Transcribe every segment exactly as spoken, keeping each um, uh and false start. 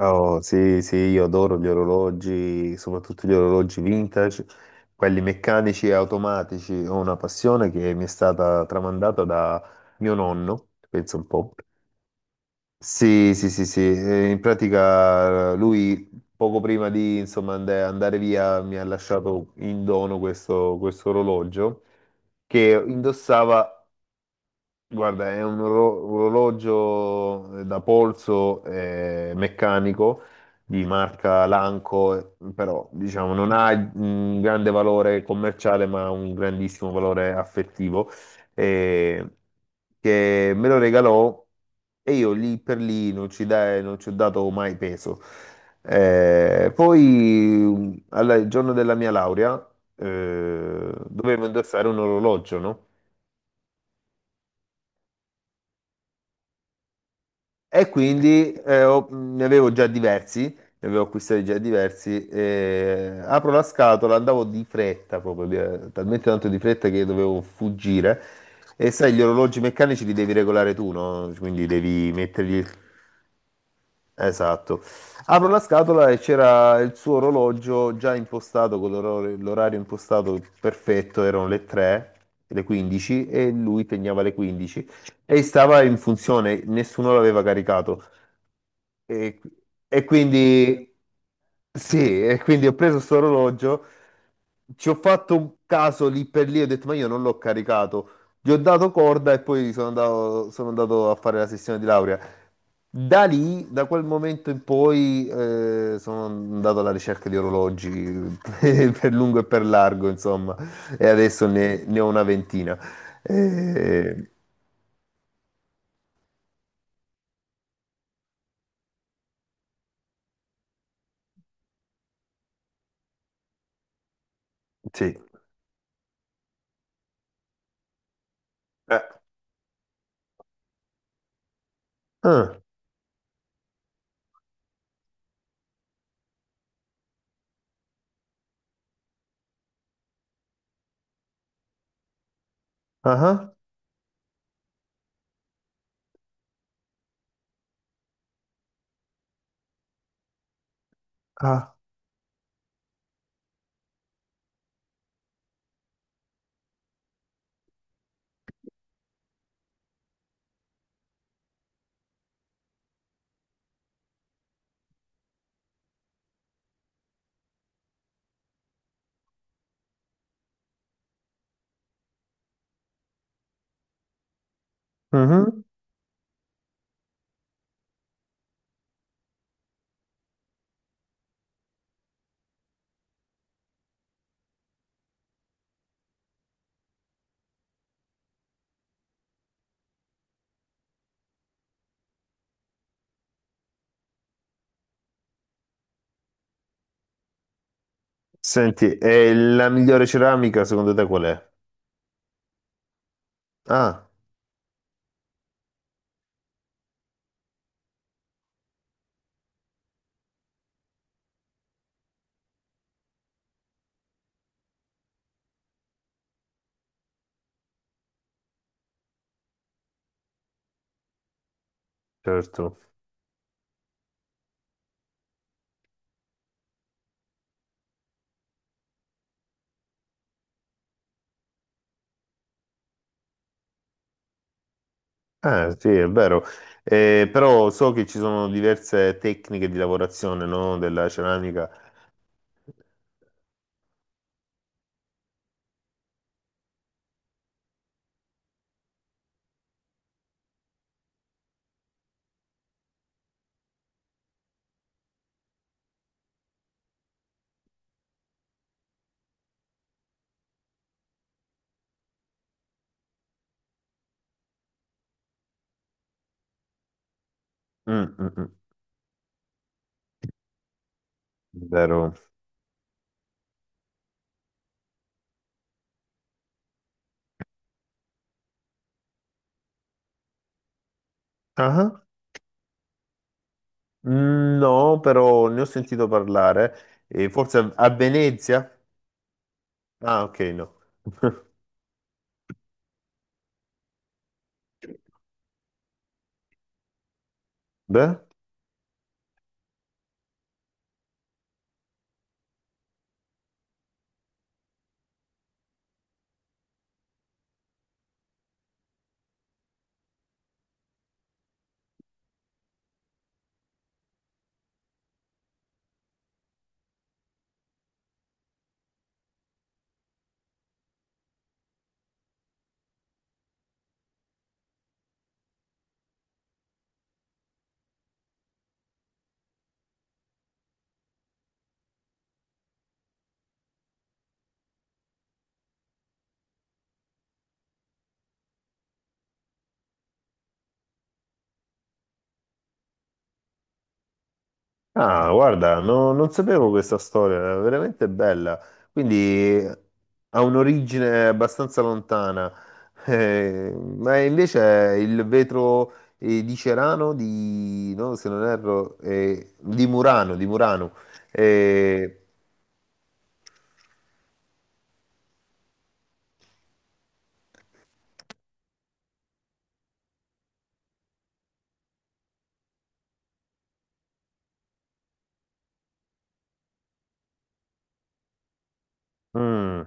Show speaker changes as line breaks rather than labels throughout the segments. Oh, sì, sì, io adoro gli orologi, soprattutto gli orologi vintage, quelli meccanici e automatici. Ho una passione che mi è stata tramandata da mio nonno, penso un po'. Sì, sì, sì, sì. Eh, In pratica eh, lui poco prima di insomma, and- andare via mi ha lasciato in dono questo, questo orologio che indossava. Guarda, è un oro- un orologio eh, da polso eh, meccanico di marca Lanco, eh, però diciamo non ha un grande valore commerciale, ma ha un grandissimo valore affettivo, eh, che me lo regalò e io lì per lì non ci, dai- non ci ho dato mai peso. Eh, poi, alla- il giorno della mia laurea, eh, dovevo indossare un orologio, no? E quindi eh, ho- ne avevo già diversi, ne avevo acquistati già diversi. E apro la scatola, andavo di fretta proprio, di- eh, talmente tanto di fretta che dovevo fuggire. E sai, gli orologi meccanici li devi regolare tu, no? Quindi devi mettergli. Esatto. Apro la scatola e c'era il suo orologio già impostato, con l'oror- l'orario impostato perfetto. Erano le tre, le quindici, e lui pegnava le quindici e stava in funzione, nessuno l'aveva caricato. E, e quindi sì, e quindi ho preso questo orologio. Ci ho fatto un caso lì per lì, ho detto ma io non l'ho caricato, gli ho dato corda e poi sono andato, sono andato a fare la sessione di laurea. Da lì, da quel momento in poi, eh, sono andato alla ricerca di orologi per per lungo e per largo, insomma, e adesso ne, ne ho una ventina. Eh, sì. Eh. Ah, ah, ah, ah, mhm. Senti, e la migliore ceramica secondo te qual è? Ah, certo. Ah, sì, è vero. Eh, però so che ci sono diverse tecniche di lavorazione, no, della ceramica. Mm, mm, mm, vero. Ah, no, però ne ho sentito parlare. E forse a a Venezia? Ah, ok, no. Beh? Ah, guarda, no- non sapevo questa storia, è veramente bella. Quindi ha un'origine abbastanza lontana. Eh, ma invece il vetro eh, di Cerano, di, no, se non erro, eh, di Murano, di Murano. Eh, mm,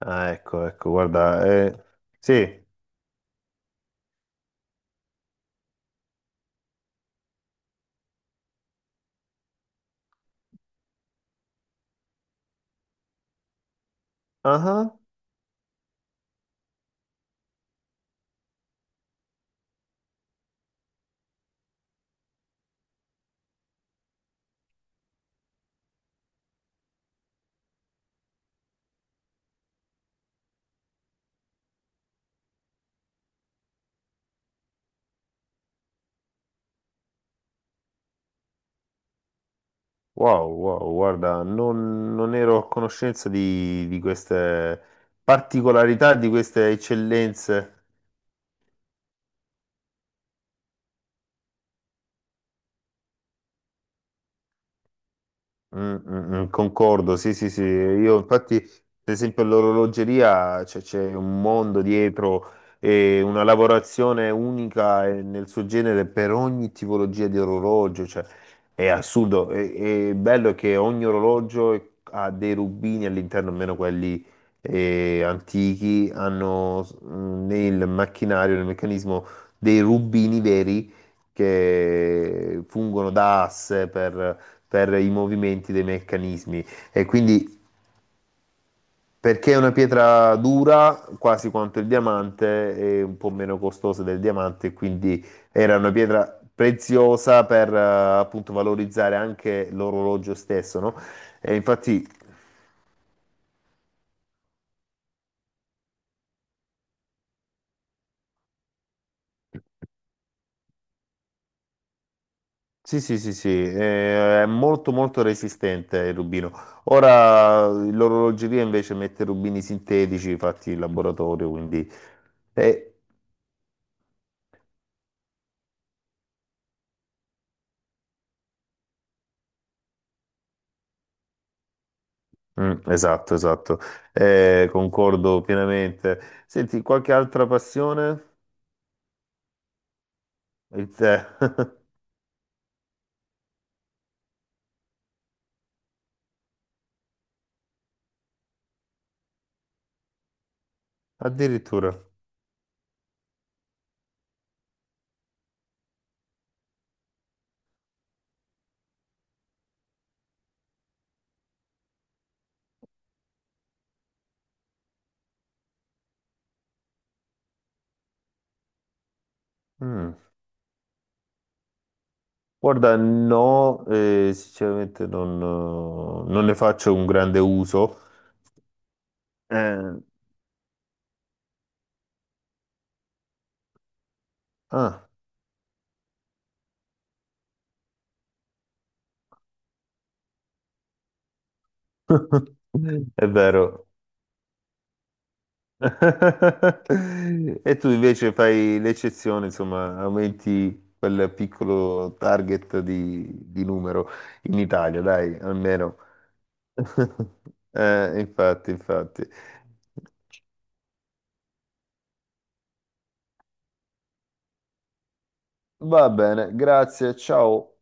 ah, ecco, ecco, guarda, eh, sì, ah, wow, wow, guarda, non, non ero a conoscenza di, di queste particolarità, di queste eccellenze. Mm, mm, mm, concordo, sì, sì, sì. Io infatti, per esempio, l'orologeria cioè, c'è un mondo dietro e una lavorazione unica e nel suo genere per ogni tipologia di orologio, cioè è assurdo. E, e bello è che ogni orologio ha dei rubini all'interno, almeno quelli eh, antichi, hanno mm, nel macchinario, nel meccanismo dei rubini veri che fungono da asse per per i movimenti dei meccanismi e quindi perché è una pietra dura quasi quanto il diamante e un po' meno costosa del diamante, quindi era una pietra preziosa per eh, appunto valorizzare anche l'orologio stesso, no? E infatti sì, sì, sì, sì, eh, è molto molto resistente il rubino. Ora l'orologeria invece mette rubini sintetici fatti in laboratorio, quindi. eh, Mm, esatto, esatto. Eh, concordo pienamente. Senti, qualche altra passione? Il tè. Addirittura. Mm. Guarda, no, eh, sinceramente non, eh, non ne faccio un grande uso. Eh, ah. È vero. E tu invece fai l'eccezione, insomma, aumenti quel piccolo target di, di numero in Italia, dai, almeno. Eh, infatti, infatti. Va bene, grazie, ciao.